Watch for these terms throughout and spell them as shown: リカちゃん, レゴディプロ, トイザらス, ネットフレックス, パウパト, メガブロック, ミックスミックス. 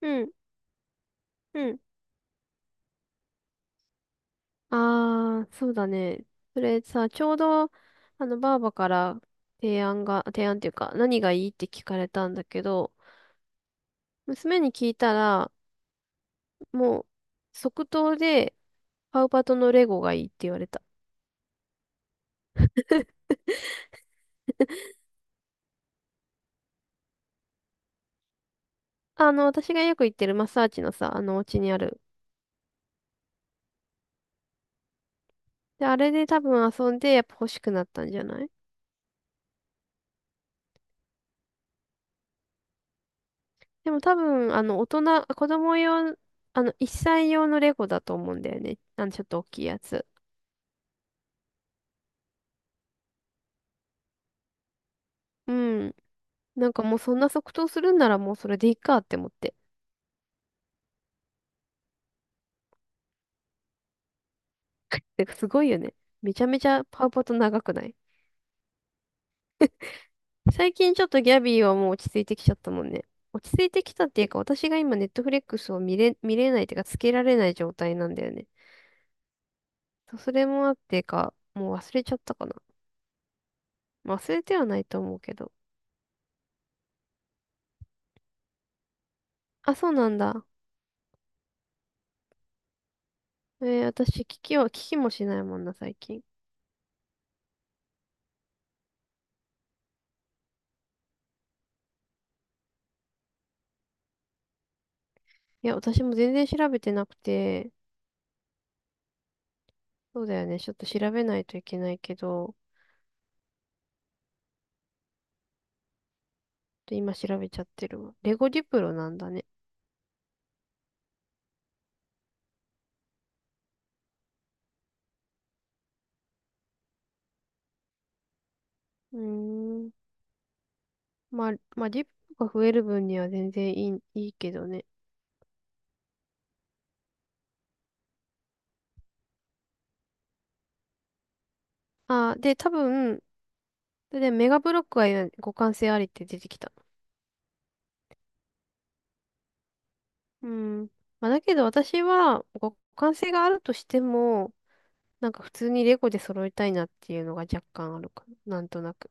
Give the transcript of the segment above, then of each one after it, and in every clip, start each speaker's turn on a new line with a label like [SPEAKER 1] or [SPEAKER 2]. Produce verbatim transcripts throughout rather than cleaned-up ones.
[SPEAKER 1] うん、うん。ああ、そうだね。それさ、ちょうど、あの、ばあばから提案が、提案っていうか、何がいいって聞かれたんだけど、娘に聞いたら、もう、即答で、パウパトのレゴがいいって言われた。あの、私がよく行ってるマッサージのさ、あの、お家にある。で、あれで多分遊んで、やっぱ欲しくなったんじゃない？でも多分、あの、大人、子供用、あの、いっさい用のレゴだと思うんだよね。あの、ちょっと大きいやつ。うん。なんかもうそんな即答するんならもうそれでいいかって思って。てかすごいよね。めちゃめちゃパウパト長くない？最近ちょっとギャビーはもう落ち着いてきちゃったもんね。落ち着いてきたっていうか、私が今ネットフレックスを見れ、見れないっていうか、つけられない状態なんだよね。そうそれもあってか、もう忘れちゃったかな。まあ忘れてはないと思うけど。あ、そうなんだ。えー、私、聞きは、聞きもしないもんな、最近。いや、私も全然調べてなくて、そうだよね。ちょっと調べないといけないけど。と今調べちゃってるわ。レゴディプロなんだね。うーん。まあ、まあ、ディプロが増える分には全然いい、いいけどね。あー、で、多分、で、メガブロックは互換性ありって出てきた。うん。まあ、だけど私は互換性があるとしても、なんか普通にレゴで揃えたいなっていうのが若干あるかな。なんとなく。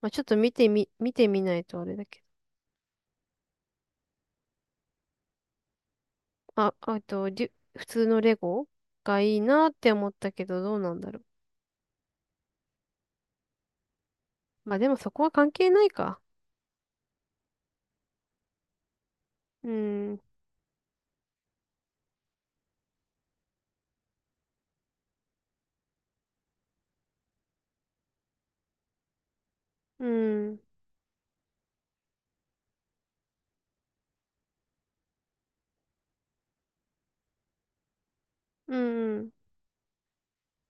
[SPEAKER 1] まあ、ちょっと見てみ、見てみないとあれだけど。あ、あと、デュ普通のレゴがいいなって思ったけど、どうなんだろう。まあでもそこは関係ないか。うん、うん、うん、うん。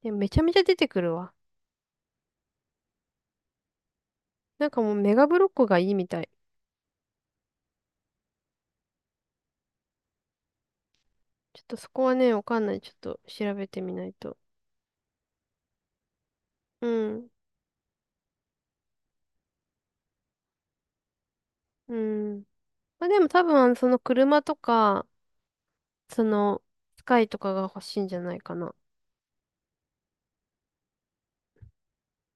[SPEAKER 1] でもめちゃめちゃ出てくるわ。なんかもうメガブロックがいいみたい。ちょっとそこはね、わかんない。ちょっと調べてみないと。うん、うん。まあでも多分、その車とか、その、スカイとかが欲しいんじゃないかな。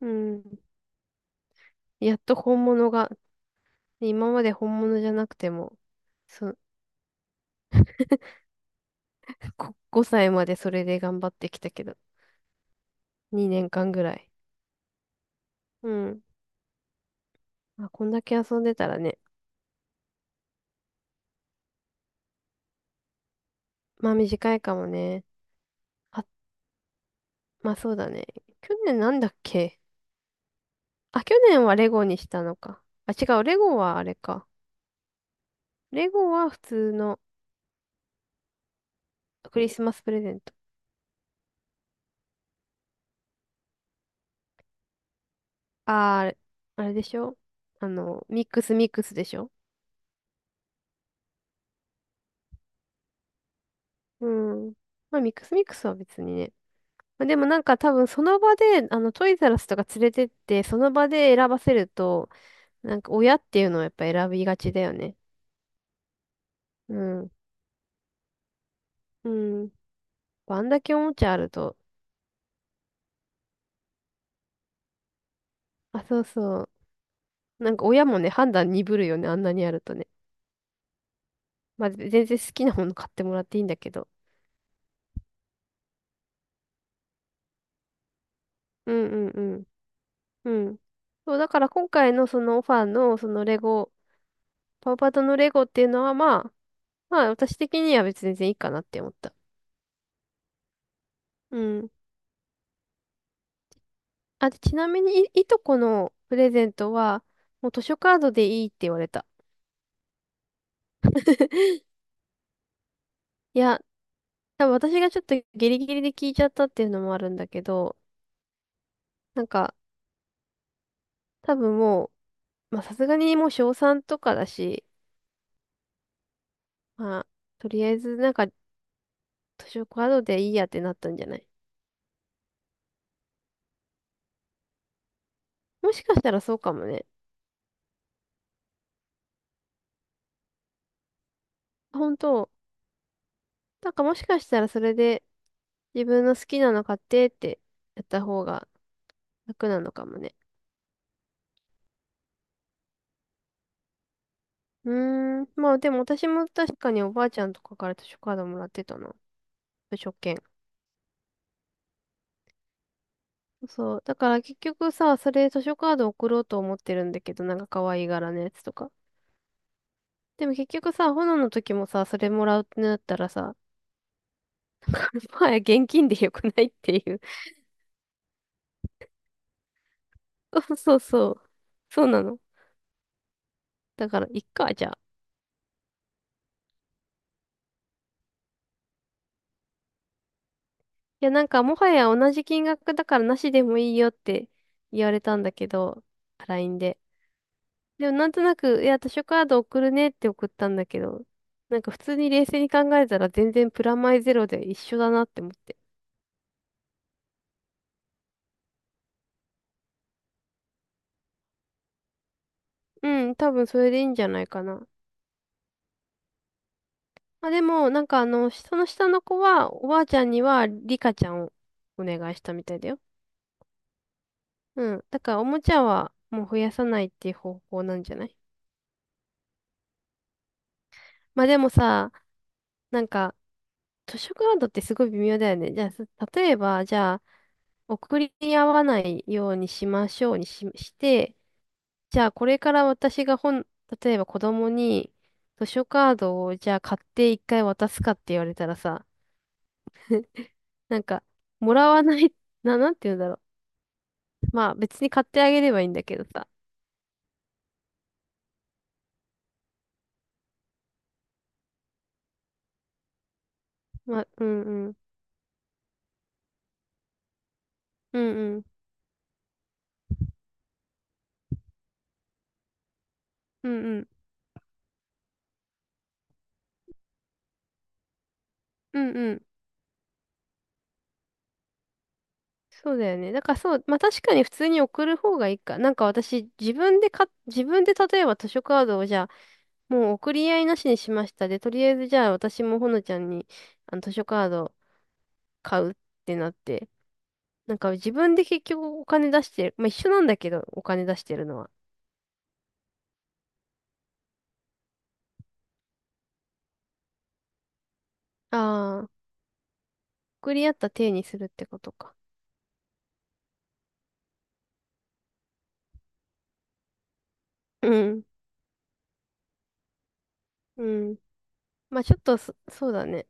[SPEAKER 1] うん。やっと本物が、今まで本物じゃなくても、そう、ごさいまでそれで頑張ってきたけど、にねんかんぐらい。うん。まあ、こんだけ遊んでたらね、まあ短いかもね。まあそうだね。去年なんだっけ？あ、去年はレゴにしたのか。あ、違う。レゴはあれか。レゴは普通のクリスマスプレゼント。あー、あれあれでしょ？あの、ミックスミックスでしょ？うん。まあミックスミックスは別にね。まあ、でもなんか多分その場で、あの、トイザらスとか連れてって、その場で選ばせると、なんか親っていうのはやっぱ選びがちだよね。うん。うん。まあんだけおもちゃあると。あ、そうそう。なんか親もね、判断鈍るよね。あんなにあるとね。まあ、全然好きなもの買ってもらっていいんだけど。うんうんうん。うん。そう、だから今回のそのオファーのそのレゴ、パウパトのレゴっていうのはまあ、まあ私的には別に全然いいかなって思った。うん。あ、でちなみにい、いとこのプレゼントは、もう図書カードでいいって言われた。いや、多分私がちょっとギリギリで聞いちゃったっていうのもあるんだけど、なんか、多分もう、まあさすがにもう小さんとかだし、まあ、とりあえずなんか図書カードでいいやってなったんじゃない？もしかしたらそうかもね。本当、なんかもしかしたらそれで自分の好きなの買ってってやった方が楽なのかもね。うーん、まあでも私も確かにおばあちゃんとかから図書カードもらってたな。図書券。そう。だから結局さ、それ図書カード送ろうと思ってるんだけど、なんか可愛い柄のやつとか。でも結局さ、炎の時もさ、それもらうってなったらさ、もはや現金でよくないっていう。そうそうそう。そうなの。だから、いっか、じゃあ。いや、なんか、もはや同じ金額だからなしでもいいよって言われたんだけど、ライン で。でも、なんとなく、いや、図書カード送るねって送ったんだけど、なんか、普通に冷静に考えたら全然プラマイゼロで一緒だなって思って。うん、多分それでいいんじゃないかな。まあ、でも、なんかあの、その下の子は、おばあちゃんには、リカちゃんをお願いしたみたいだよ。うん。だから、おもちゃはもう増やさないっていう方法なんじゃない？まあでもさ、なんか、図書カードってすごい微妙だよね。じゃあ、す例えば、じゃあ、送り合わないようにしましょうにし、して、じゃあ、これから私が本、例えば子供に図書カードを、じゃあ、買って一回渡すかって言われたらさ、なんか、もらわない、な、なんて言うんだろう。まあ、別に買ってあげればいいんだけどさ。まあ、うんうん。うんうん。うんうん。うんうん。そうだよね。だからそう、まあ確かに普通に送る方がいいか。なんか私、自分でか、自分で例えば図書カードをじゃあ、もう送り合いなしにしましたで、とりあえずじゃあ私もほのちゃんにあの図書カード買うってなって、なんか自分で結局お金出してる、まあ一緒なんだけど、お金出してるのは。ああ、送り合った体にするってことか。うん、うん。まあちょっとそ、そうだね。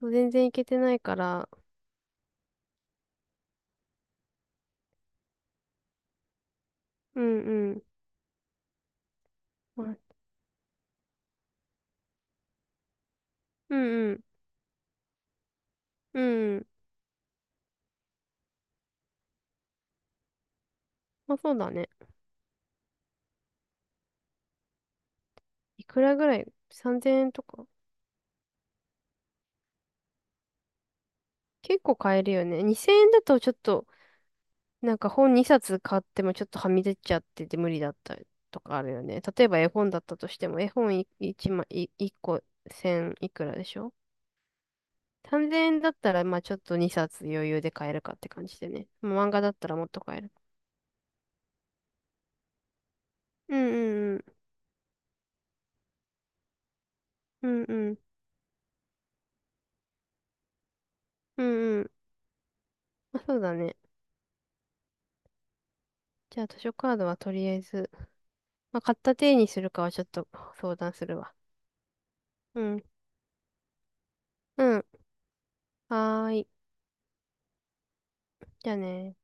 [SPEAKER 1] 全然いけてないから、うんうん。まあ、うんうん、うん。まあそうだね。いくらぐらい ?さんぜん 円とか結構買えるよね。にせんえんだとちょっと、なんか本にさつ買ってもちょっとはみ出ちゃってて無理だったとかあるよね。例えば絵本だったとしても、絵本いいちまい、いいっこせんいくらでしょ ?さんぜん 円だったら、まあちょっとにさつ余裕で買えるかって感じでね。もう漫画だったらもっと買える。うんうんうん。うんうん。うんうん。まあ、そうだね。じゃあ図書カードはとりあえず、まあ買った手にするかはちょっと相談するわ。うん。うん。はーい。じゃあね。